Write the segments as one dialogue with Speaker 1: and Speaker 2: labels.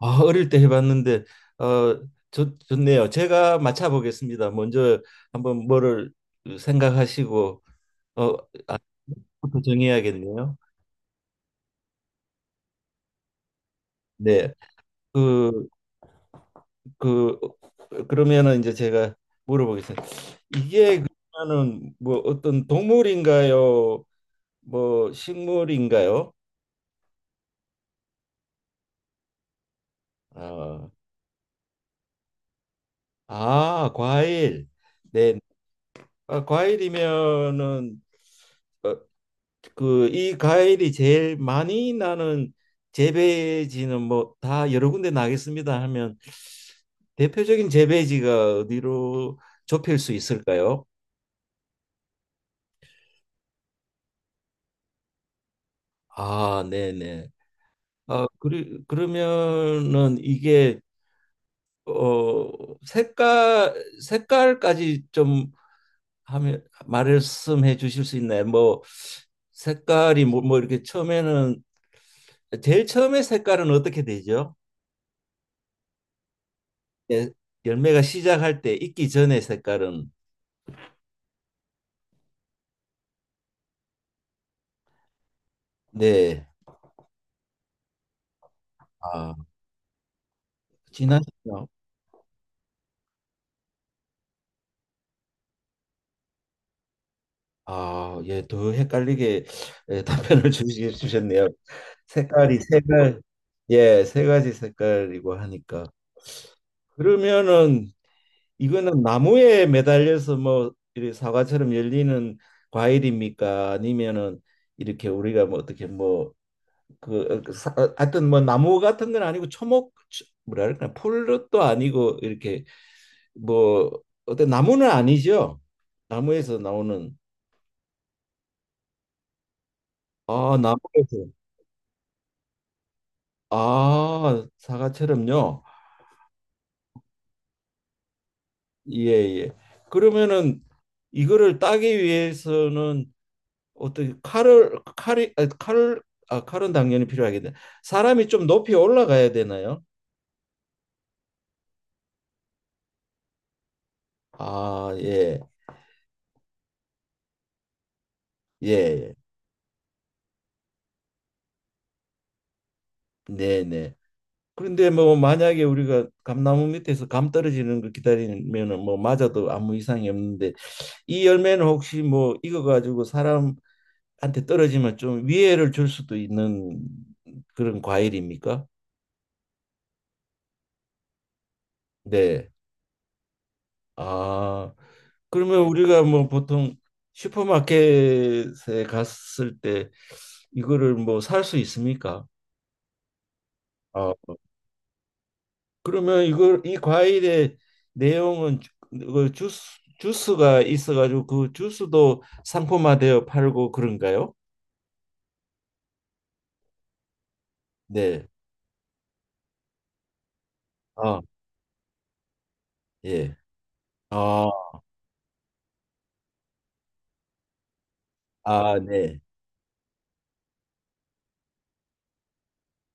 Speaker 1: 아, 어릴 때 해봤는데 어, 좋네요. 제가 맞춰보겠습니다. 먼저 한번 뭐를 생각하시고 어, 아, 부터 정해야겠네요. 네, 그, 그 그러면은 이제 제가 물어보겠습니다. 이게 그러면은 뭐 어떤 동물인가요? 뭐 식물인가요? 어, 아, 과일. 네, 아, 과일이면은 어, 그 이 과일이 제일 많이 나는 재배지는 뭐 다 여러 군데 나겠습니다 하면 대표적인 재배지가 어디로 좁힐 수 있을까요? 아, 네네. 아, 그러면은 이게 어 색깔 색깔까지 좀 하면 말씀해 주실 수 있나요? 뭐 색깔이 뭐 이렇게 처음에는 제일 처음에 색깔은 어떻게 되죠? 예, 열매가 시작할 때 익기 전의 색깔은 네. 아, 진한 색깔. 아, 예, 더 헷갈리게 예, 답변을 주셨네요. 색깔이 세 가지, 예, 세 가지 색깔이고 하니까 그러면은 이거는 나무에 매달려서 뭐 이렇게 사과처럼 열리는 과일입니까? 아니면은 이렇게 우리가 뭐 어떻게 뭐그 하여튼 뭐 나무 같은 건 아니고 초목 뭐랄까 풀도 아니고 이렇게 뭐 어때 나무는 아니죠? 나무에서 나오는 아 나무에서 아 사과처럼요. 예예. 그러면은 이거를 따기 위해서는 어떻게 칼을 칼이 아, 칼 아, 칼은 당연히 필요하겠네. 사람이 좀 높이 올라가야 되나요? 아 예. 예. 예. 네 네. 그런데 뭐 만약에 우리가 감나무 밑에서 감 떨어지는 거 기다리면은 뭐 맞아도 아무 이상이 없는데 이 열매는 혹시 뭐 익어 가지고 사람한테 떨어지면 좀 위해를 줄 수도 있는 그런 과일입니까? 네. 아, 그러면 우리가 뭐 보통 슈퍼마켓에 갔을 때 이거를 뭐 살 수 있습니까? 아. 그러면 이걸 이 과일의 내용은 그 주스 주스가 있어가지고 그 주스도 상품화되어 팔고 그런가요? 네. 아, 예. 아, 아, 네.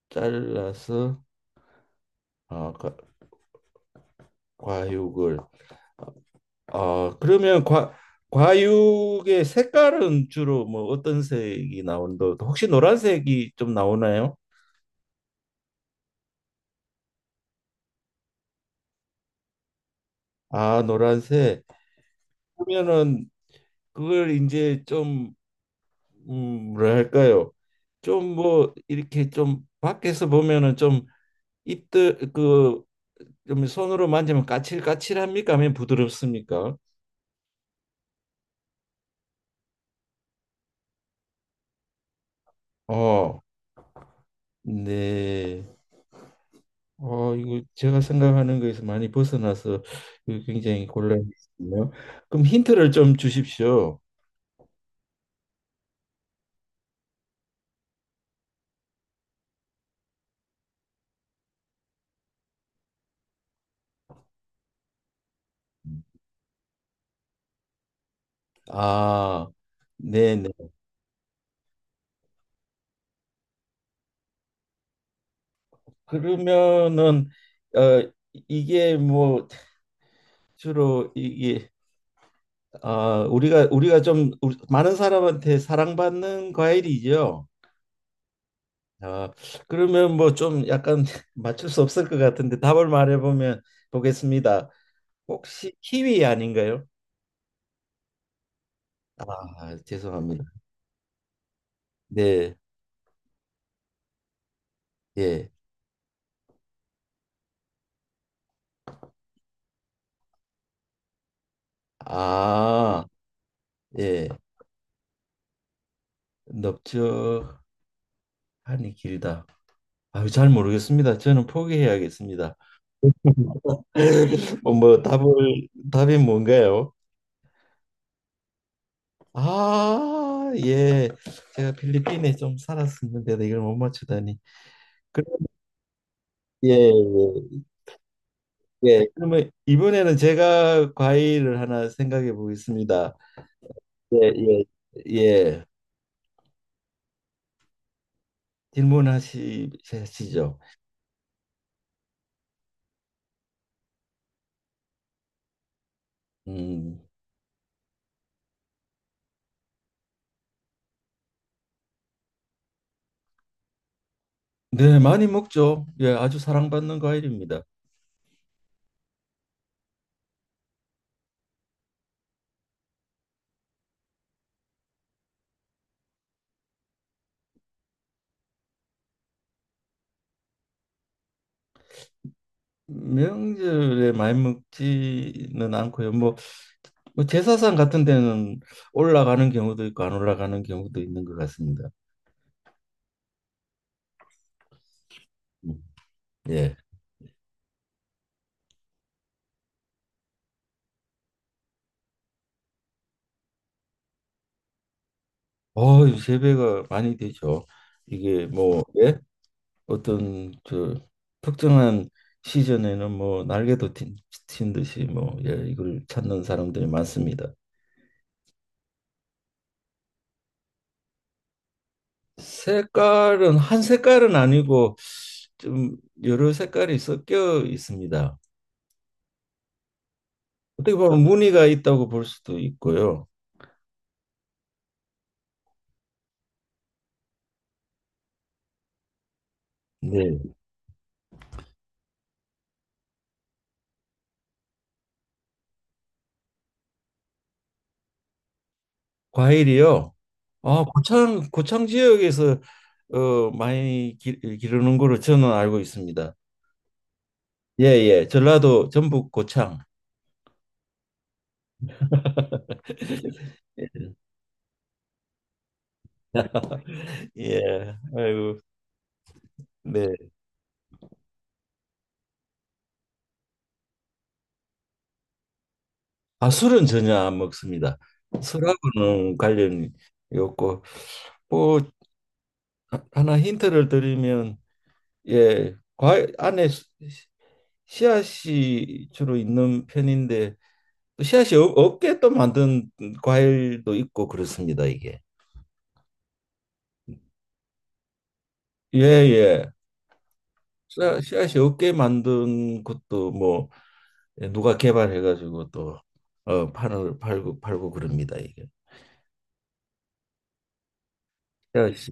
Speaker 1: 잘라서 아, 과육을 아, 그러면 과 과육의 색깔은 주로 뭐 어떤 색이 나온다? 혹시 노란색이 좀 나오나요? 아, 노란색. 그러면은 그걸 이제 좀 뭐랄까요? 좀 뭐 이렇게 좀 밖에서 보면은 좀 입들 그 좀 손으로 만지면 까칠까칠합니까? 아니면 부드럽습니까? 어, 네. 어, 이거 제가 생각하는 거에서 많이 벗어나서 이거 굉장히 곤란했네요. 그럼 힌트를 좀 주십시오. 아, 네네. 그러면은 어 이게 뭐 주로 이게 아, 우리가 좀 우리- 많은 사람한테 사랑받는 과일이죠. 아, 그러면 뭐 좀 약간 맞출 수 없을 것 같은데 답을 말해보면 보겠습니다. 혹시 키위 아닌가요? 아, 죄송합니다. 네, 예. 아, 예. 넓적하니 길다. 아유, 잘 모르겠습니다. 저는 포기해야겠습니다. 뭐 답을 답이 뭔가요? 아, 예. 제가 필리핀에 좀 살았었는데도 이걸 못 맞추다니. 그, 예, 예. 예. 그러면 이번에는 제가 과일을 하나 생각해 보겠습니다. 예, 예. 예. 질문하시죠. 음. 네, 많이 먹죠. 예, 아주 사랑받는 과일입니다. 명절에 많이 먹지는 않고요. 뭐, 뭐 제사상 같은 데는 올라가는 경우도 있고 안 올라가는 경우도 있는 것 같습니다. 음, 예. 어, 세 배가 많이 되죠. 이게 뭐 예? 어떤 저 특정한 시즌에는 뭐 날개도 튄, 튄 듯이 뭐 예, 이걸 찾는 사람들이 많습니다. 색깔은 한 색깔은 아니고 좀 여러 색깔이 섞여 있습니다. 어떻게 보면 무늬가 있다고 볼 수도 있고요. 네. 과일이요. 아, 고창 지역에서 많이 기르는 거로 저는 알고 있습니다. 예, 예. 전라도 전북 고창. 예. 아이고. 네. 아, 술은 전혀 안 먹습니다. 술하고는 관련이 없고 뭐 하나 힌트를 드리면 예, 과일 안에 수- 씨앗이 주로 있는 편인데 또 씨앗이 없- 없게 또 만든 과일도 있고 그렇습니다, 이게. 예, 예. 씨앗- 씨앗이 없게 만든 것도 뭐 예, 누가 개발해가지고 또 어, 파는 팔고 그럽니다 이게. 씨앗이.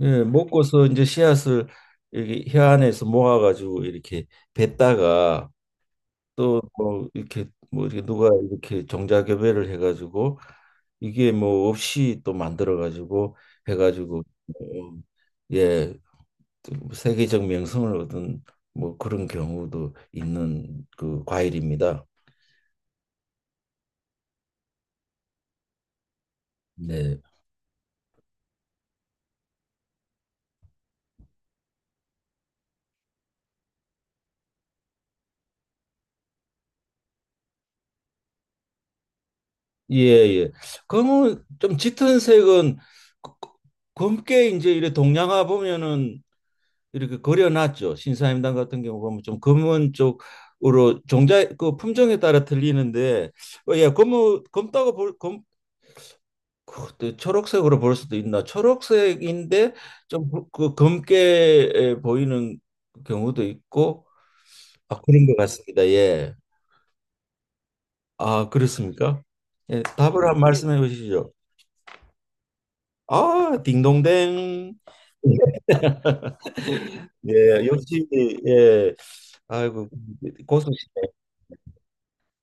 Speaker 1: 예, 먹고서 이제 씨앗을 이렇게 혀 안에서 모아가지고 이렇게 뱉다가 또 뭐 이렇게 뭐 이렇게 누가 이렇게 종자교배를 해가지고 이게 뭐 없이 또 만들어가지고 해가지고 뭐, 예 또 세계적 명성을 얻은 뭐 그런 경우도 있는 그 과일입니다. 네. 예, 예. 그러면 좀 짙은 색은 그- 그- 검게 이제 이래 동양화 보면은 이렇게 그려놨죠. 신사임당 같은 경우 보면 좀 검은 쪽으로 종자 그 품종에 따라 틀리는데 어, 예, 검은 검다고 볼 검, 그, 초록색으로 볼 수도 있나? 초록색인데 좀그 그 검게 보이는 경우도 있고 아, 그런 것 같습니다. 예. 아, 그렇습니까? 예, 답을 한 말씀해 주시죠. 아, 딩동댕. 예, 역시 예. 아이고 고수시네.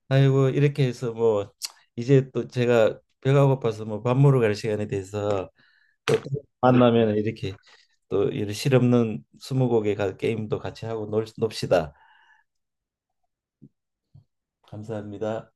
Speaker 1: 아이고 이렇게 해서 뭐 이제 또 제가 배가 고파서 뭐 밥 먹으러 갈 시간이 돼서 만나면 이렇게 또 이런 실없는 스무고개 가- 게임도 같이 하고 놉시다. 감사합니다.